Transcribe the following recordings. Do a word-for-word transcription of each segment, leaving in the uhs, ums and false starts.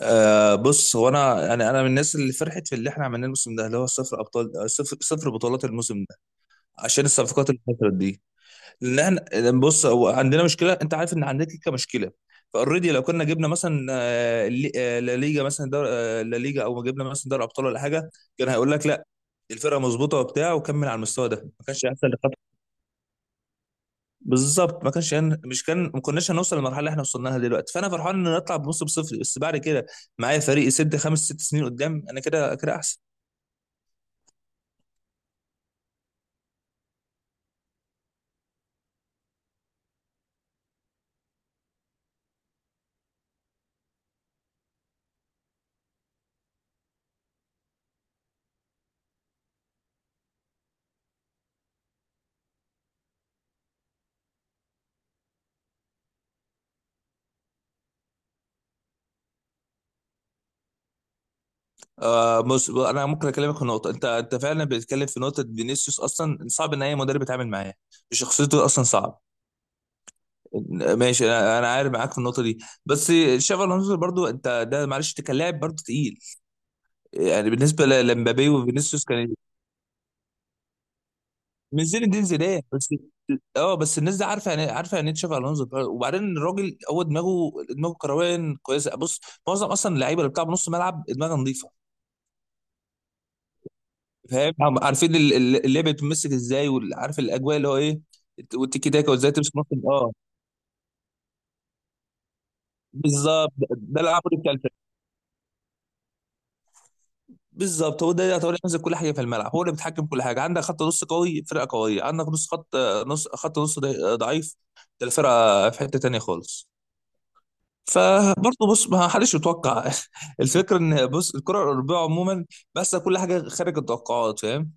آه بص هو انا يعني انا من الناس اللي فرحت في اللي احنا عملناه الموسم ده اللي هو صفر ابطال، صفر صفر بطولات الموسم ده، عشان الصفقات اللي حصلت دي. لان احنا لأن بص هو عندنا مشكله، انت عارف ان عندنا كيكه مشكله. فاوريدي، لو كنا جبنا مثلا آه، اللي- آه، لا ليجا، مثلا دور آه، لا ليجا، او جبنا مثلا دوري ابطال ولا حاجه، كان هيقول لك لا الفرقه مظبوطه وبتاع وكمل على المستوى ده، ما كانش هيحصل. بالظبط، ما كانش هن... مش كان ما كناش هنوصل للمرحله اللي احنا وصلنا لها دلوقتي، فانا فرحان ان نطلع بموسم صفر، بس بعد كده معايا فريق يسد خمس ست سنين قدام، انا كده كده احسن. آه بص، انا ممكن اكلمك في نقطه. انت انت فعلا بتتكلم في نقطه، فينيسيوس اصلا صعب ان اي مدرب يتعامل معاه، شخصيته اصلا صعب. ماشي، انا أنا عارف معاك في النقطه دي. بس شافي الونسو برضو، انت ده معلش انت كان لاعب برضو تقيل، يعني بالنسبه ل- لمبابي وفينيسيوس كان إيه؟ من زين الدين زيدان بس. اه بس الناس دي عارفه يعني إيه؟ عارفه يعني ايه تشافي الونزو. وبعدين الراجل هو دماغه دماغه كرويا كويسه، بص. معظم اصلا اللعيبه اللي بتلعب نص ملعب دماغها نظيفه، فاهم. عم- عارفين ال- ال- اللعبه بتمسك ازاي، وعارف الاجواء اللي هو ايه، والتيكي تاكا وازاي تمسك نص. اه بالظبط، ده ده العمود بتاع الفريق. بالظبط، هو ده ده هو اللي هتقول ينزل كل حاجه في الملعب، هو اللي بيتحكم كل حاجه. عندك خط نص قوي، فرقه قويه. عندك نص خط، نص خط نص ضعيف، ده الفرقه في حته تانيه خالص. فبرضه بص، ما حدش يتوقع الفكره ان بص الكره الاوروبيه عموما بس كل حاجه خارج التوقعات، فاهم.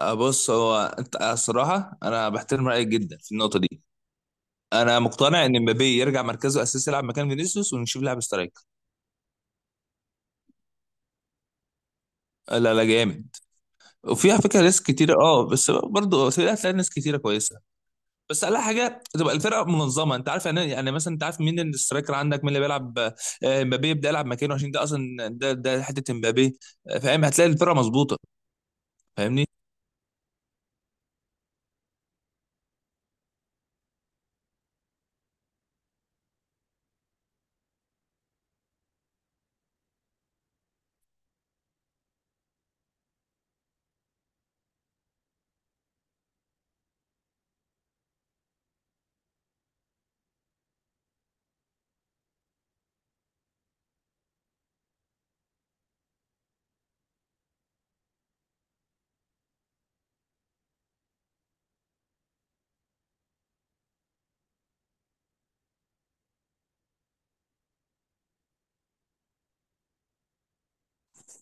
آه، بص هو انت، آه، الصراحه انا بحترم رايك جدا في النقطه دي. انا مقتنع ان مبابي يرجع مركزه الاساسي، يلعب مكان فينيسيوس، ونشوف لاعب سترايك. لا لا، جامد، وفيها فكره. ناس كتيره، اه بس برضه هتلاقي ناس كتيره كويسه. بس اقل حاجه تبقى الفرقه منظمه، انت عارف، يعني يعني مثلا، انت عارف مين الاسترايكر عندك، مين اللي بيلعب. آه، مبابي يبدا يلعب مكانه، عشان ده اصلا ده ده حته مبابي، آه، فاهم. هتلاقي الفرقه مظبوطه، فاهمني.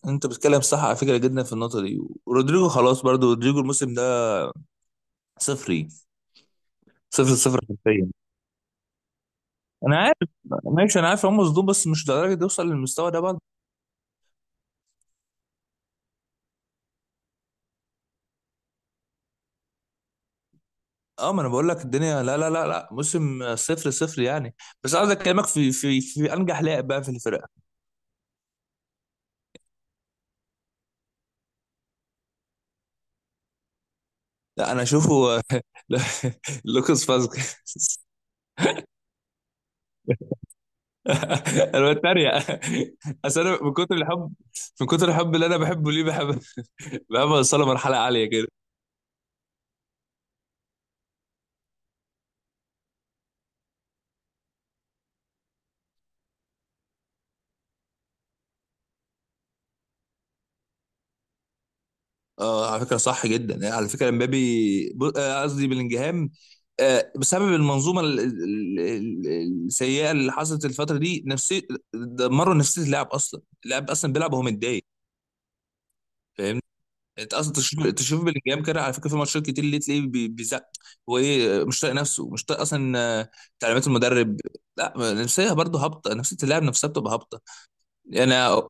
انت بتتكلم صح على فكره جدا في النقطه دي. ورودريجو خلاص برضو، رودريجو الموسم ده صفري، صفر صفر حرفيا. انا عارف، ماشي، انا عارف هم مصدوم، بس مش لدرجه يوصل للمستوى ده برضه. اه، ما انا بقول لك الدنيا لا لا لا لا، موسم صفر صفر يعني. بس عايز اكلمك في في في انجح لاعب بقى في الفرقه. لا، انا اشوفه لوكاس فاسكيز. انا بتريق، اصل انا من كتر الحب، من كتر الحب اللي انا بحبه ليه، بحب بحب اوصله مرحله عاليه كده. اه، على فكره صح جدا يعني، على فكره امبابي ب- آه، قصدي بلينجهام، آه، بسبب المنظومه ال- ال- ال- السيئه اللي حصلت الفتره دي. نفسي دمروا نفسيه اللاعب، اصلا اللاعب اصلا بيلعب وهو متضايق، فاهمني. انت اصلا تشوف تشوف بلينجهام كده على فكره، في ماتشات كتير اللي تلاقيه بي- بيزق. هو ايه، مش طايق نفسه، مش طايق اصلا آه، تعليمات المدرب. لا نفسيه برضه هابطه، نفسيه اللاعب نفسها بتبقى هابطه. انا،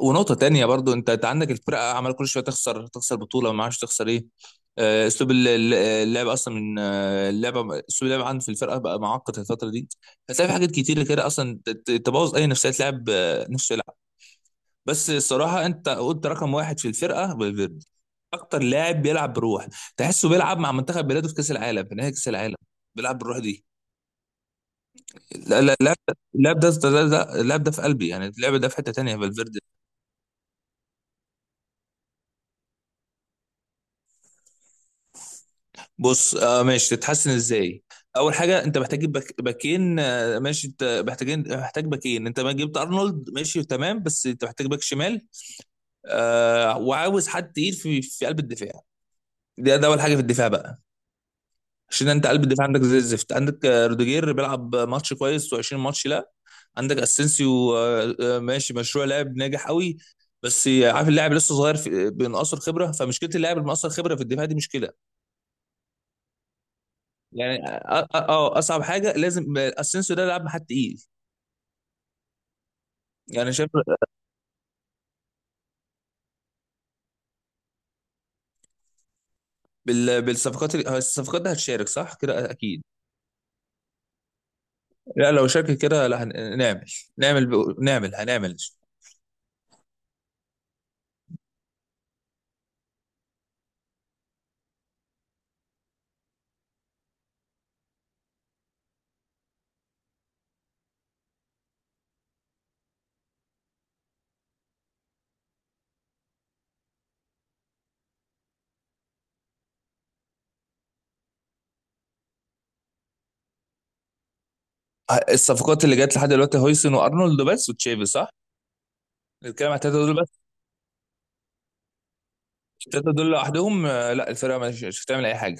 ونقطه تانية برضه، انت انت عندك الفرقه عمال كل شويه تخسر، تخسر بطوله، ما عادش تخسر ايه. آه، اسلوب ال- ال- اللعب اصلا، من آه، اللعبه، اسلوب اللعب عندي في الفرقه بقى معقد الفتره دي. هتلاقي في حاجات كتير كده اصلا ت- ت- تبوظ اي نفسيه لاعب، آه، نفسه. بس الصراحه، انت قلت رقم واحد في الفرقه فالفيردي، اكتر لاعب بيلعب بروح، تحسه بيلعب مع منتخب بلاده في كاس العالم، في نهائي كاس العالم بيلعب بالروح دي. لا لا لا، اللاعب ده ده ده- اللاعب ده في قلبي، يعني اللعب ده في حته تانيه، فالفيردي. بص، آه ماشي، تتحسن ازاي. اول حاجه، انت محتاج تجيب باك- باكين، آه، ماشي، انت محتاجين محتاج باكين. انت ما جبت ارنولد ماشي تمام، بس انت محتاج باك شمال، آه وعاوز حد تقيل في في قلب الدفاع. ده ده اول حاجه في الدفاع بقى. عشان انت قلب الدفاع عندك زي الزفت، عندك آه، روديجير بيلعب ماتش كويس و20 ماتش لا. عندك اسينسيو آه، آه، ماشي، مشروع لاعب ناجح قوي، بس عارف اللاعب لسه صغير، في بينقصر خبره. فمشكله اللاعب المقصر خبره في الدفاع دي مشكله، يعني اه آه، آه، اصعب حاجه لازم، آه، اسينسيو ده لاعب حد تقيل. يعني شايف، بال- بالصفقات ال- الصفقات دي هتشارك صح كده اكيد. لا لو شارك كده، لا هن- نعمل نعمل ب- نعمل هنعمل. الصفقات اللي جت لحد دلوقتي هويسن وارنولد بس وتشافي، صح؟ الكلام على التلاته دول. التلاتة دول لوحدهم آه، لا الفرقة مش مش هتعمل أي حاجة.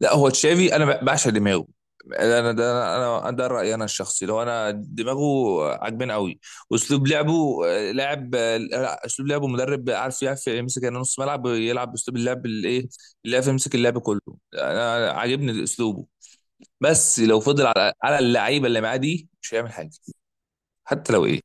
لا هو تشافي، أنا ب- بعشق دماغه. أنا ده أنا أنا- ده رأيي أنا الشخصي، لو أنا. دماغه عاجباني قوي، وأسلوب لعبه، آه، لاعب آه، لا، أسلوب لعبه مدرب عارف يعرف يمسك يعني نص ملعب، يلعب بأسلوب اللعب الإيه، اللي يعرف يمسك اللعب كله. أنا عاجبني أسلوبه، بس لو فضل على على اللعيبة اللي معاه دي مش هيعمل حاجة، حتى لو إيه.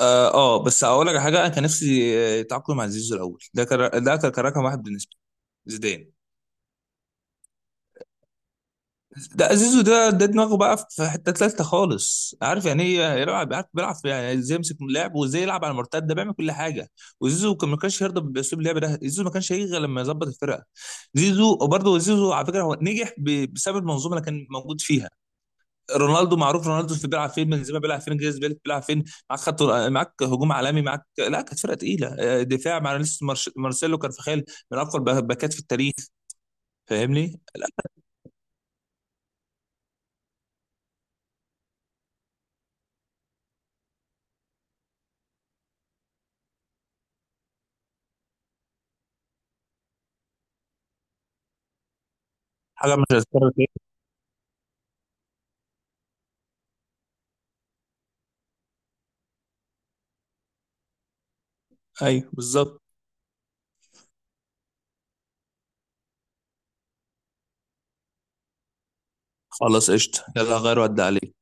اه آه، بس هقول لك على حاجه. انا كان نفسي آه، يتعاقدوا مع زيزو الاول، ده كان ده كان كان رقم واحد بالنسبه لي زيدان. ده زيزو، ده ده دماغه بقى في حته تالته خالص، عارف يعني ايه يلعب، عارف بيلعب في، يعني ازاي يمسك اللعب وازاي يلعب على المرتد، ده بيعمل كل حاجه. وزيزو كان ما كانش يرضى باسلوب اللعب ده، زيزو ما كانش هيجي غير لما يظبط الفرقه. زيزو، وبرضه زيزو على فكره هو نجح ب- بسبب المنظومه اللي كان موجود فيها. رونالدو معروف، رونالدو في بيلعب فين، بنزيما بيلعب فين، جريز بيلعب فين. معاك خط، معاك هجوم عالمي، معاك لا، كانت فرقه تقيله، آه، دفاع مع لسه مارش- مارسيلو كارفخال، من اقوى الباكات في التاريخ، فاهمني. حاجه مش هتتكرر تاني. ايوه بالظبط. خلاص قشطة، يلا غير ودي عليك.